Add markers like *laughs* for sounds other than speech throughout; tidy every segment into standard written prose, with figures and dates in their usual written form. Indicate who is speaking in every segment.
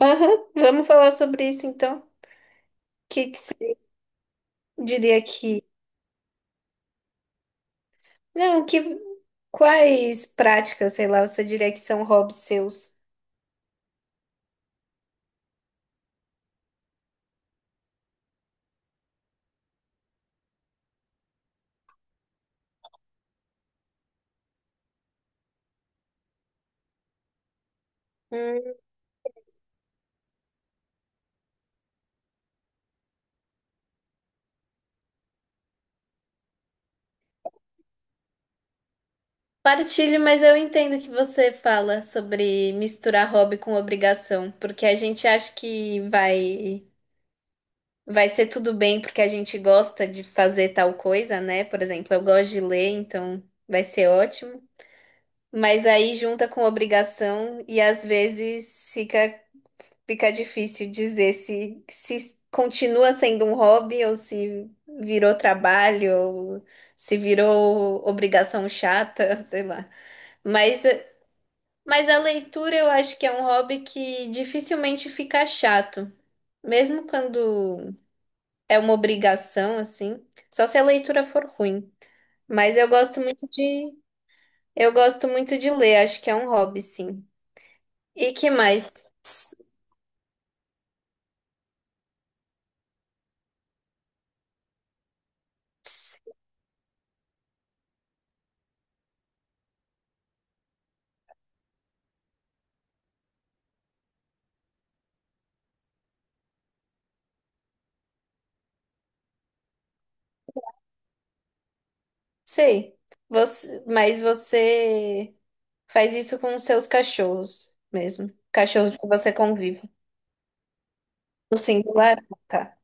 Speaker 1: Aham, vamos falar sobre isso então. O que que você diria que. Não, que. Quais práticas, sei lá, você diria que são hobbies seus? Hum. Partilho, mas eu entendo que você fala sobre misturar hobby com obrigação, porque a gente acha que vai vai ser tudo bem porque a gente gosta de fazer tal coisa, né? Por exemplo, eu gosto de ler, então vai ser ótimo. Mas aí junta com obrigação e às vezes fica difícil dizer se continua sendo um hobby ou se virou trabalho ou se virou obrigação chata, *laughs* sei lá. Mas, mas a leitura eu acho que é um hobby que dificilmente fica chato, mesmo quando é uma obrigação, assim, só se a leitura for ruim. Mas eu gosto muito de, eu gosto muito de ler, acho que é um hobby, sim. E que mais? Sei. Mas você faz isso com os seus cachorros mesmo. Cachorros que você convive. No singular, tá.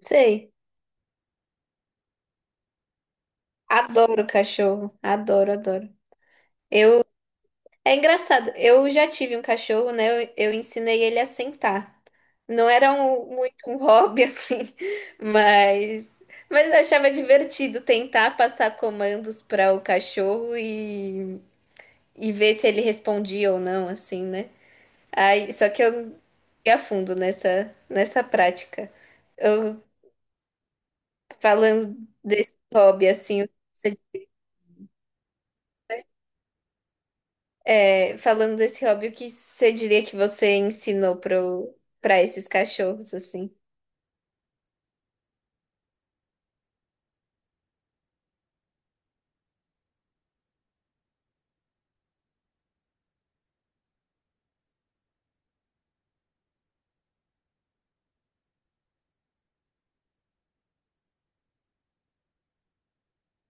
Speaker 1: Sei. Adoro cachorro. Adoro, adoro. É engraçado. Eu já tive um cachorro, né? Eu ensinei ele a sentar. Não era um- muito um hobby, *laughs* assim, mas, mas eu achava divertido tentar passar comandos para o cachorro e ver se ele respondia ou não, assim, né? Aí, só que eu fui a fundo nessa prática. Eu falando desse hobby, assim, o que você- É, falando desse hobby, o que você diria que você ensinou para esses cachorros, assim?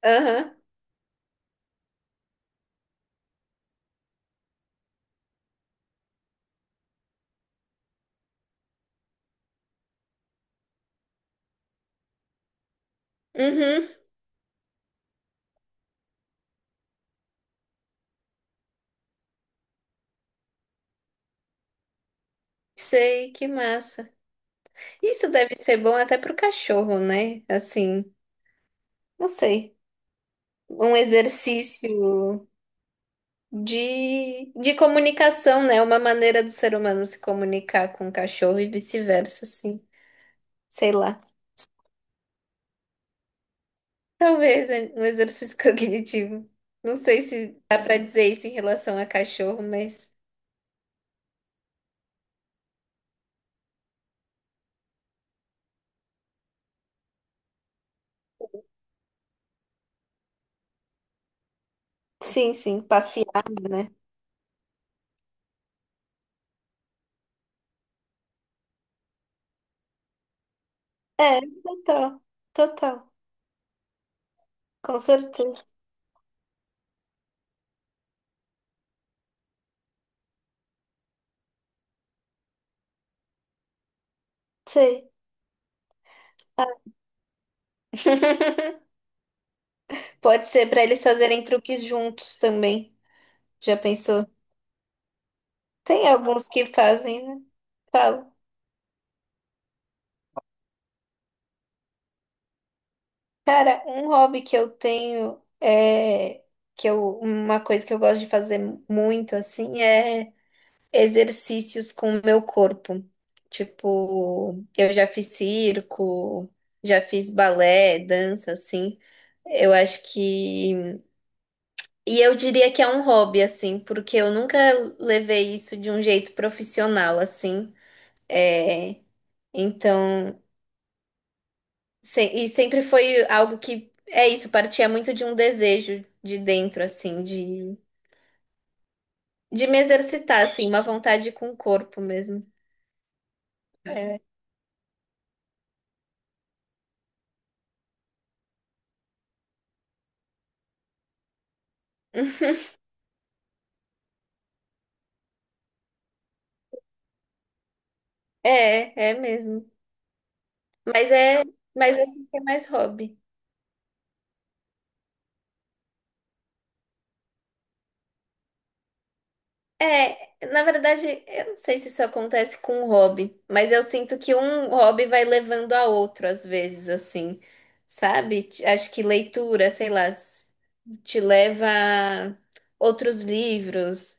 Speaker 1: Aham. Uhum. Sei, que massa. Isso deve ser bom até pro cachorro, né? Assim, não sei. Um exercício de comunicação, né? Uma maneira do ser humano se comunicar com o cachorro e vice-versa, assim. Sei lá. Talvez é um exercício *laughs* cognitivo. Não sei se dá pra dizer isso em relação a cachorro, mas sim, sim, passear, né? É, total, total, com certeza. Sei. Ah, pode ser pra eles fazerem truques juntos também. Já pensou? Tem alguns que fazem, né? Falo. Cara, um hobby que eu tenho é que eu uma coisa que eu gosto de fazer muito assim é exercícios com o meu corpo. Tipo, eu já fiz circo, já fiz balé, dança, assim. Eu acho que. E eu diria que é um hobby, assim, porque eu nunca levei isso de um jeito profissional, assim. É... Então. E sempre foi algo que. É isso, partia muito de um desejo de dentro, assim, de. De me exercitar, assim, uma vontade com o corpo mesmo. É, *laughs* é, é mesmo. Mas é, mas assim que é mais hobby. É, na verdade, eu não sei se isso acontece com um hobby, mas eu sinto que um hobby vai levando a outro às vezes, assim, sabe? Acho que leitura, sei lá, te leva a outros livros.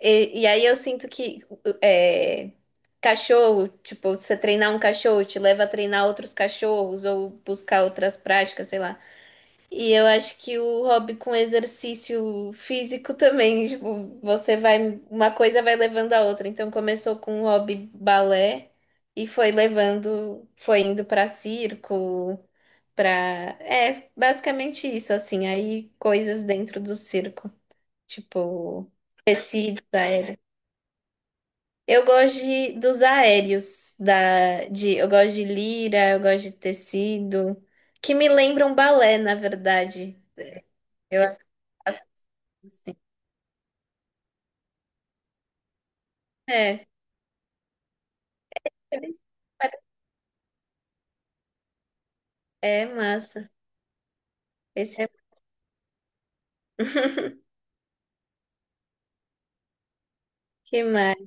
Speaker 1: E aí eu sinto que é, cachorro, tipo, você treinar um cachorro te leva a treinar outros cachorros ou buscar outras práticas, sei lá. E eu acho que o hobby com exercício físico também, tipo, você vai, uma coisa vai levando a outra. Então começou com o hobby balé e foi levando, foi indo pra circo, pra é, basicamente isso assim, aí coisas dentro do circo, tipo tecidos aéreos. Eu gosto de lira, eu gosto de tecido, que me lembram balé, na verdade. As- Assim. É. É massa. Esse é. *laughs* Que mais?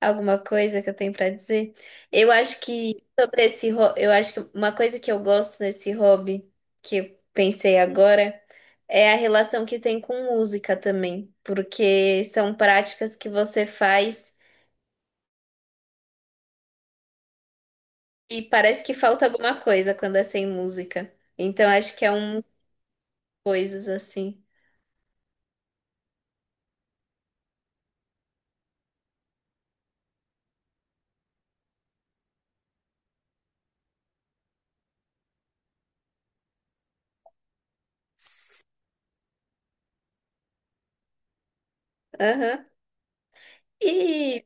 Speaker 1: Alguma coisa que eu tenho pra dizer? Eu acho que sobre eu acho que uma coisa que eu gosto nesse hobby que eu pensei agora é a relação que tem com música também, porque são práticas que você faz e parece que falta alguma coisa quando é sem música. Então acho que é um coisas assim. Aham. E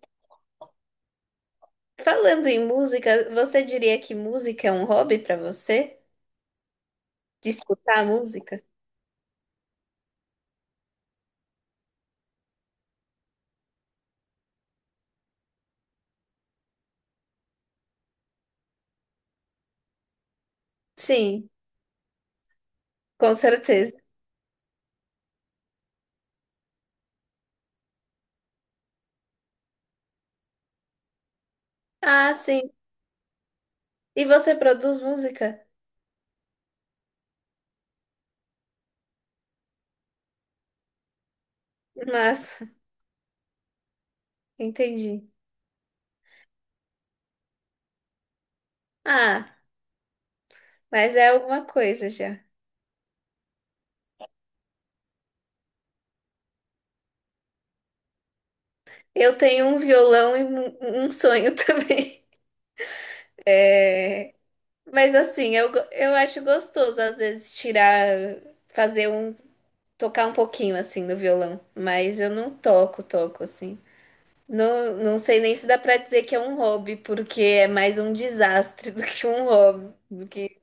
Speaker 1: falando em música, você diria que música é um hobby pra você? De escutar música? Sim, com certeza. Ah, sim. E você produz música? Massa, *laughs* entendi. Ah, mas é alguma coisa já. Eu tenho um violão e um sonho *laughs* também. É, mas assim, eu acho gostoso às vezes tirar, fazer um, tocar um pouquinho assim no violão, mas eu não toco, toco assim. Não, não sei nem se dá pra dizer que é um hobby, porque é mais um desastre do que um hobby, do que,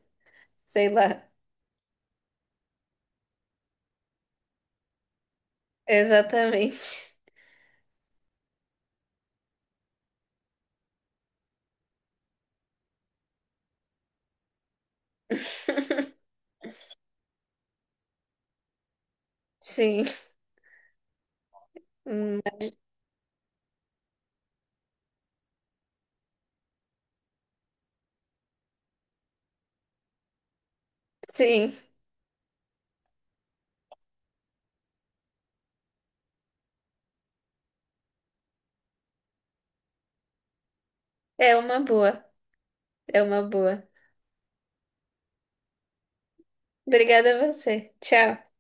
Speaker 1: sei lá. Exatamente. *laughs* Sim. Hum, sim, é uma boa, é uma boa. Obrigada a você. Tchau.